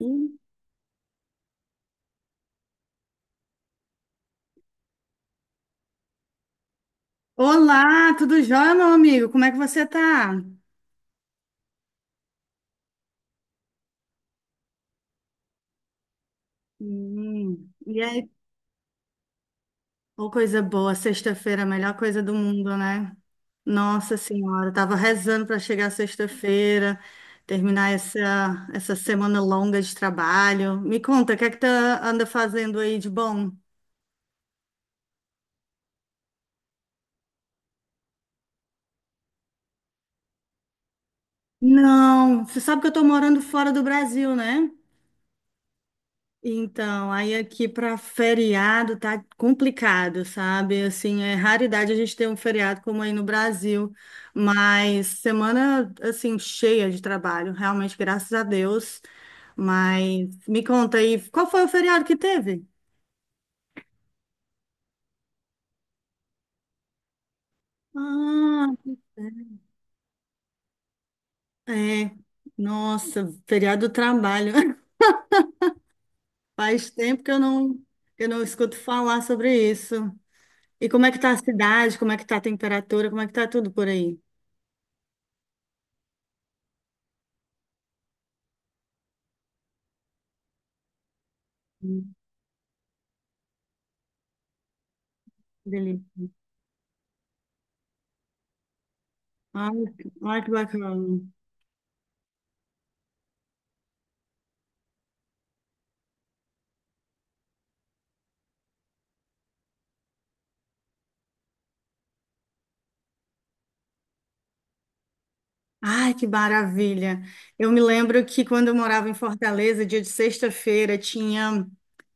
Hum. Olá, tudo jóia, meu amigo? Como é que você tá? E aí, ô coisa boa, sexta-feira, a melhor coisa do mundo, né? Nossa Senhora, eu tava rezando para chegar sexta-feira, terminar essa semana longa de trabalho. Me conta, o que é que tu anda fazendo aí de bom? Não, você sabe que eu tô morando fora do Brasil, né? Então, aí aqui para feriado tá complicado, sabe? Assim, é raridade a gente ter um feriado como aí no Brasil, mas semana assim cheia de trabalho, realmente, graças a Deus. Mas me conta aí, qual foi o feriado que teve? Ah, é. Nossa, feriado do trabalho. Faz tempo que eu não escuto falar sobre isso. E como é que tá a cidade? Como é que tá a temperatura? Como é que tá tudo por aí? Hum. Delícia. Ai, ai, que bacana. Ai, que maravilha. Eu me lembro que quando eu morava em Fortaleza, dia de sexta-feira, tinha,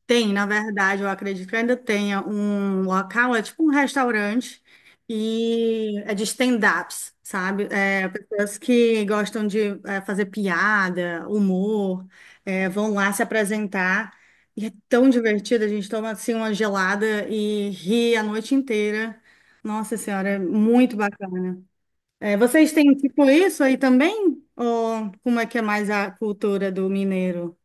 tem, na verdade, eu acredito que ainda tenha um local, é tipo um restaurante, e é de stand-ups, sabe? Pessoas que gostam de fazer piada, humor, vão lá se apresentar. E é tão divertido, a gente toma assim uma gelada e ri a noite inteira. Nossa Senhora, é muito bacana. É, vocês têm tipo isso aí também? Ou como é que é mais a cultura do mineiro?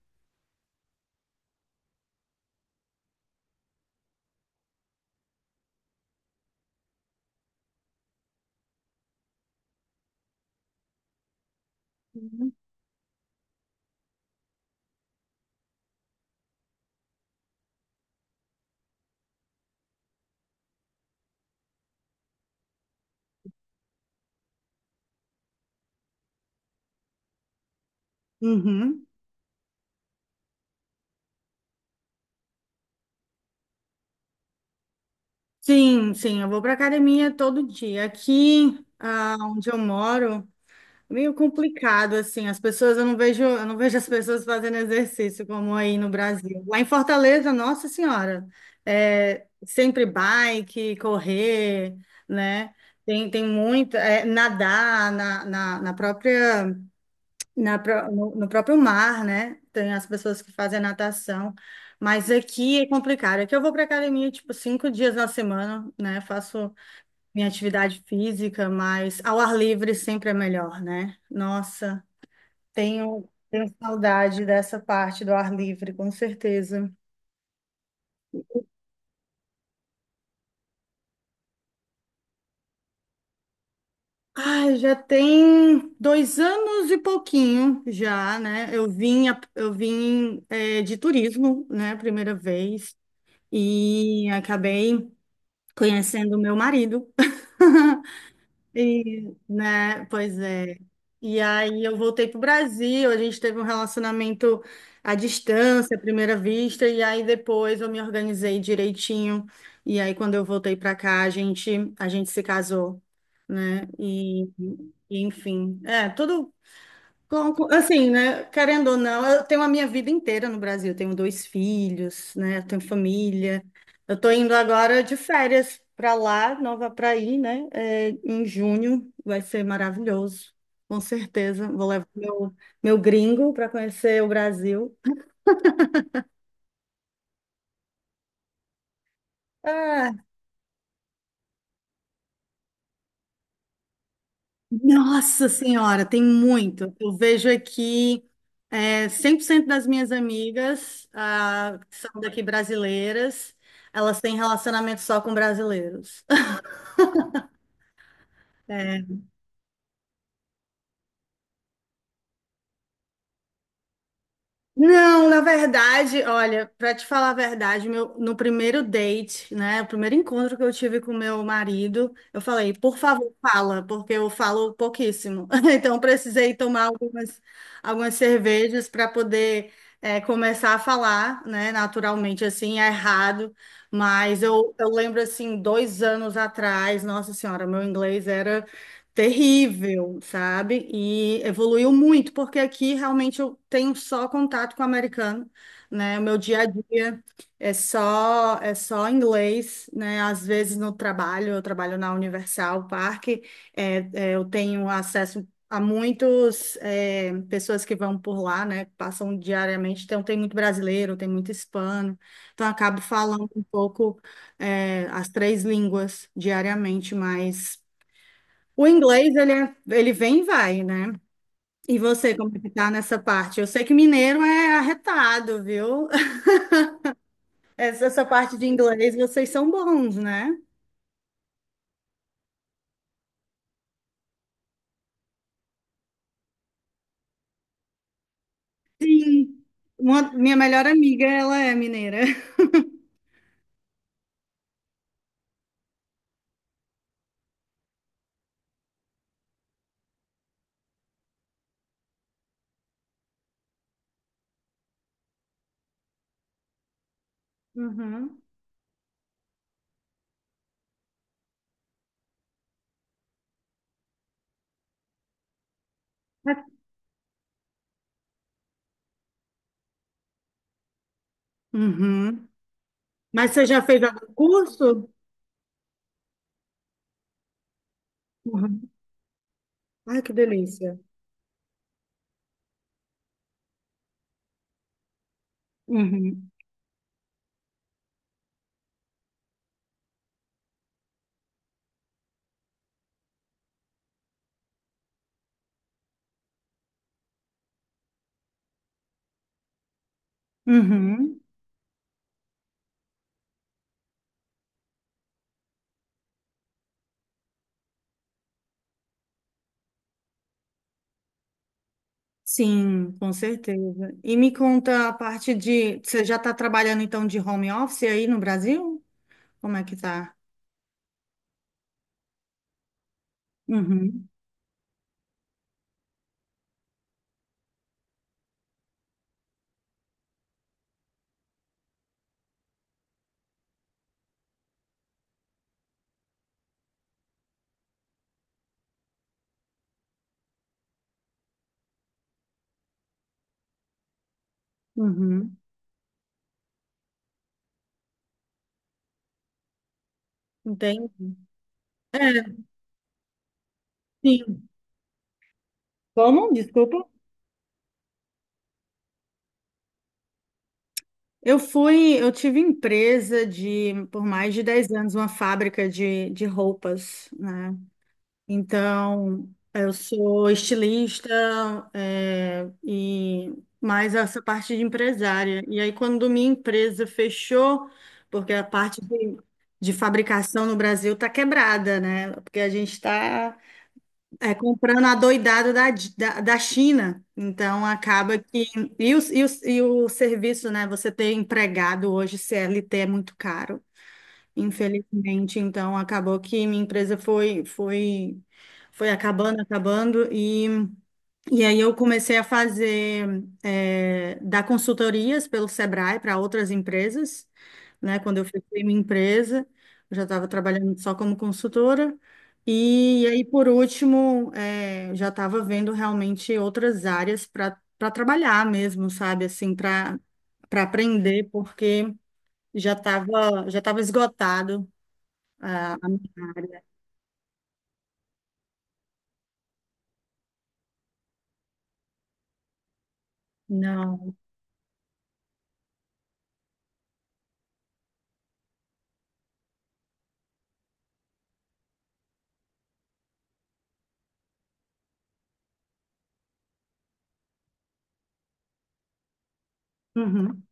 Uhum. Sim, sim, eu vou para academia todo dia. Aqui, ah, onde eu moro, é meio complicado assim. As pessoas, eu não vejo as pessoas fazendo exercício como aí no Brasil. Lá em Fortaleza, nossa senhora, é sempre bike, correr, né? Tem muito, nadar na, na, na própria Na, pró- no, no próprio mar, né? Tem as pessoas que fazem natação, mas aqui é complicado. Aqui eu vou para academia, tipo, cinco dias na semana, né? Faço minha atividade física, mas ao ar livre sempre é melhor, né? Nossa, tenho saudade dessa parte do ar livre, com certeza. Ai, já tem dois anos e pouquinho já, né? Eu vim, de turismo, né? Primeira vez. E acabei conhecendo o meu marido. E, né, pois é. E aí eu voltei para o Brasil, a gente teve um relacionamento à distância, à primeira vista, e aí depois eu me organizei direitinho. E aí quando eu voltei para cá, a gente se casou, né? Enfim, é, tudo Assim, né? Querendo ou não, eu tenho a minha vida inteira no Brasil. Eu tenho dois filhos, né? Eu tenho família. Eu tô indo agora de férias para lá, Nova para ir, né? É, em junho vai ser maravilhoso, com certeza. Vou levar meu gringo para conhecer o Brasil. Ah, Nossa Senhora, tem muito. Eu vejo aqui 100% das minhas amigas ah, que são daqui brasileiras, elas têm relacionamento só com brasileiros. Não, na verdade, olha, para te falar a verdade, meu, no primeiro date, né, o primeiro encontro que eu tive com meu marido, eu falei, por favor, fala, porque eu falo pouquíssimo. Então, precisei tomar algumas cervejas para poder começar a falar, né, naturalmente, assim, é errado. Mas eu lembro, assim, dois anos atrás, nossa senhora, meu inglês era terrível, sabe? E evoluiu muito, porque aqui realmente eu tenho só contato com o americano, né? O meu dia a dia é só inglês, né? Às vezes no trabalho, eu trabalho na Universal Park, eu tenho acesso a muitas pessoas que vão por lá, né? Que passam diariamente, então tem muito brasileiro, tem muito hispano, então eu acabo falando um pouco as três línguas diariamente, mas o inglês, ele vem e vai, né? E você, como que tá nessa parte? Eu sei que mineiro é arretado, viu? Essa parte de inglês, vocês são bons, né? Sim. Uma- minha melhor amiga, ela é mineira. Uhum. Uhum. Mas você já fez algum curso? Uhum. Ai, que delícia. Uhum. Uhum. Sim, com certeza. E me conta a parte de... Você já está trabalhando, então, de home office aí no Brasil? Como é que tá? Uhum, uhum. Entende? É, sim. Como? Desculpa. Eu tive empresa de, por mais de 10 anos, uma fábrica de roupas, né? Então, eu sou estilista, e mais essa parte de empresária. E aí, quando minha empresa fechou, porque a parte de fabricação no Brasil está quebrada, né? Porque a gente está É, comprando a doidada da China. Então, acaba que. E o serviço, né? Você ter empregado hoje, CLT, é muito caro, infelizmente. Então, acabou que minha empresa foi acabando. E aí eu comecei a fazer, dar consultorias pelo Sebrae para outras empresas, né? Quando eu fechei minha empresa, eu já estava trabalhando só como consultora. E, aí, por último, já estava vendo realmente outras áreas para trabalhar mesmo, sabe? Assim, para aprender, porque já estava esgotado, ah, a minha área. Não. Uhum.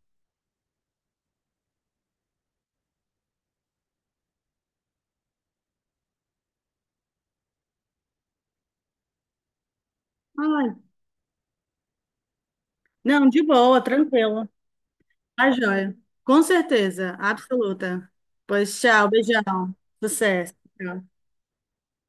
Ai, não, de boa, tranquilo. Tá joia. Com certeza, absoluta. Pois tchau, beijão. Sucesso. Tchau.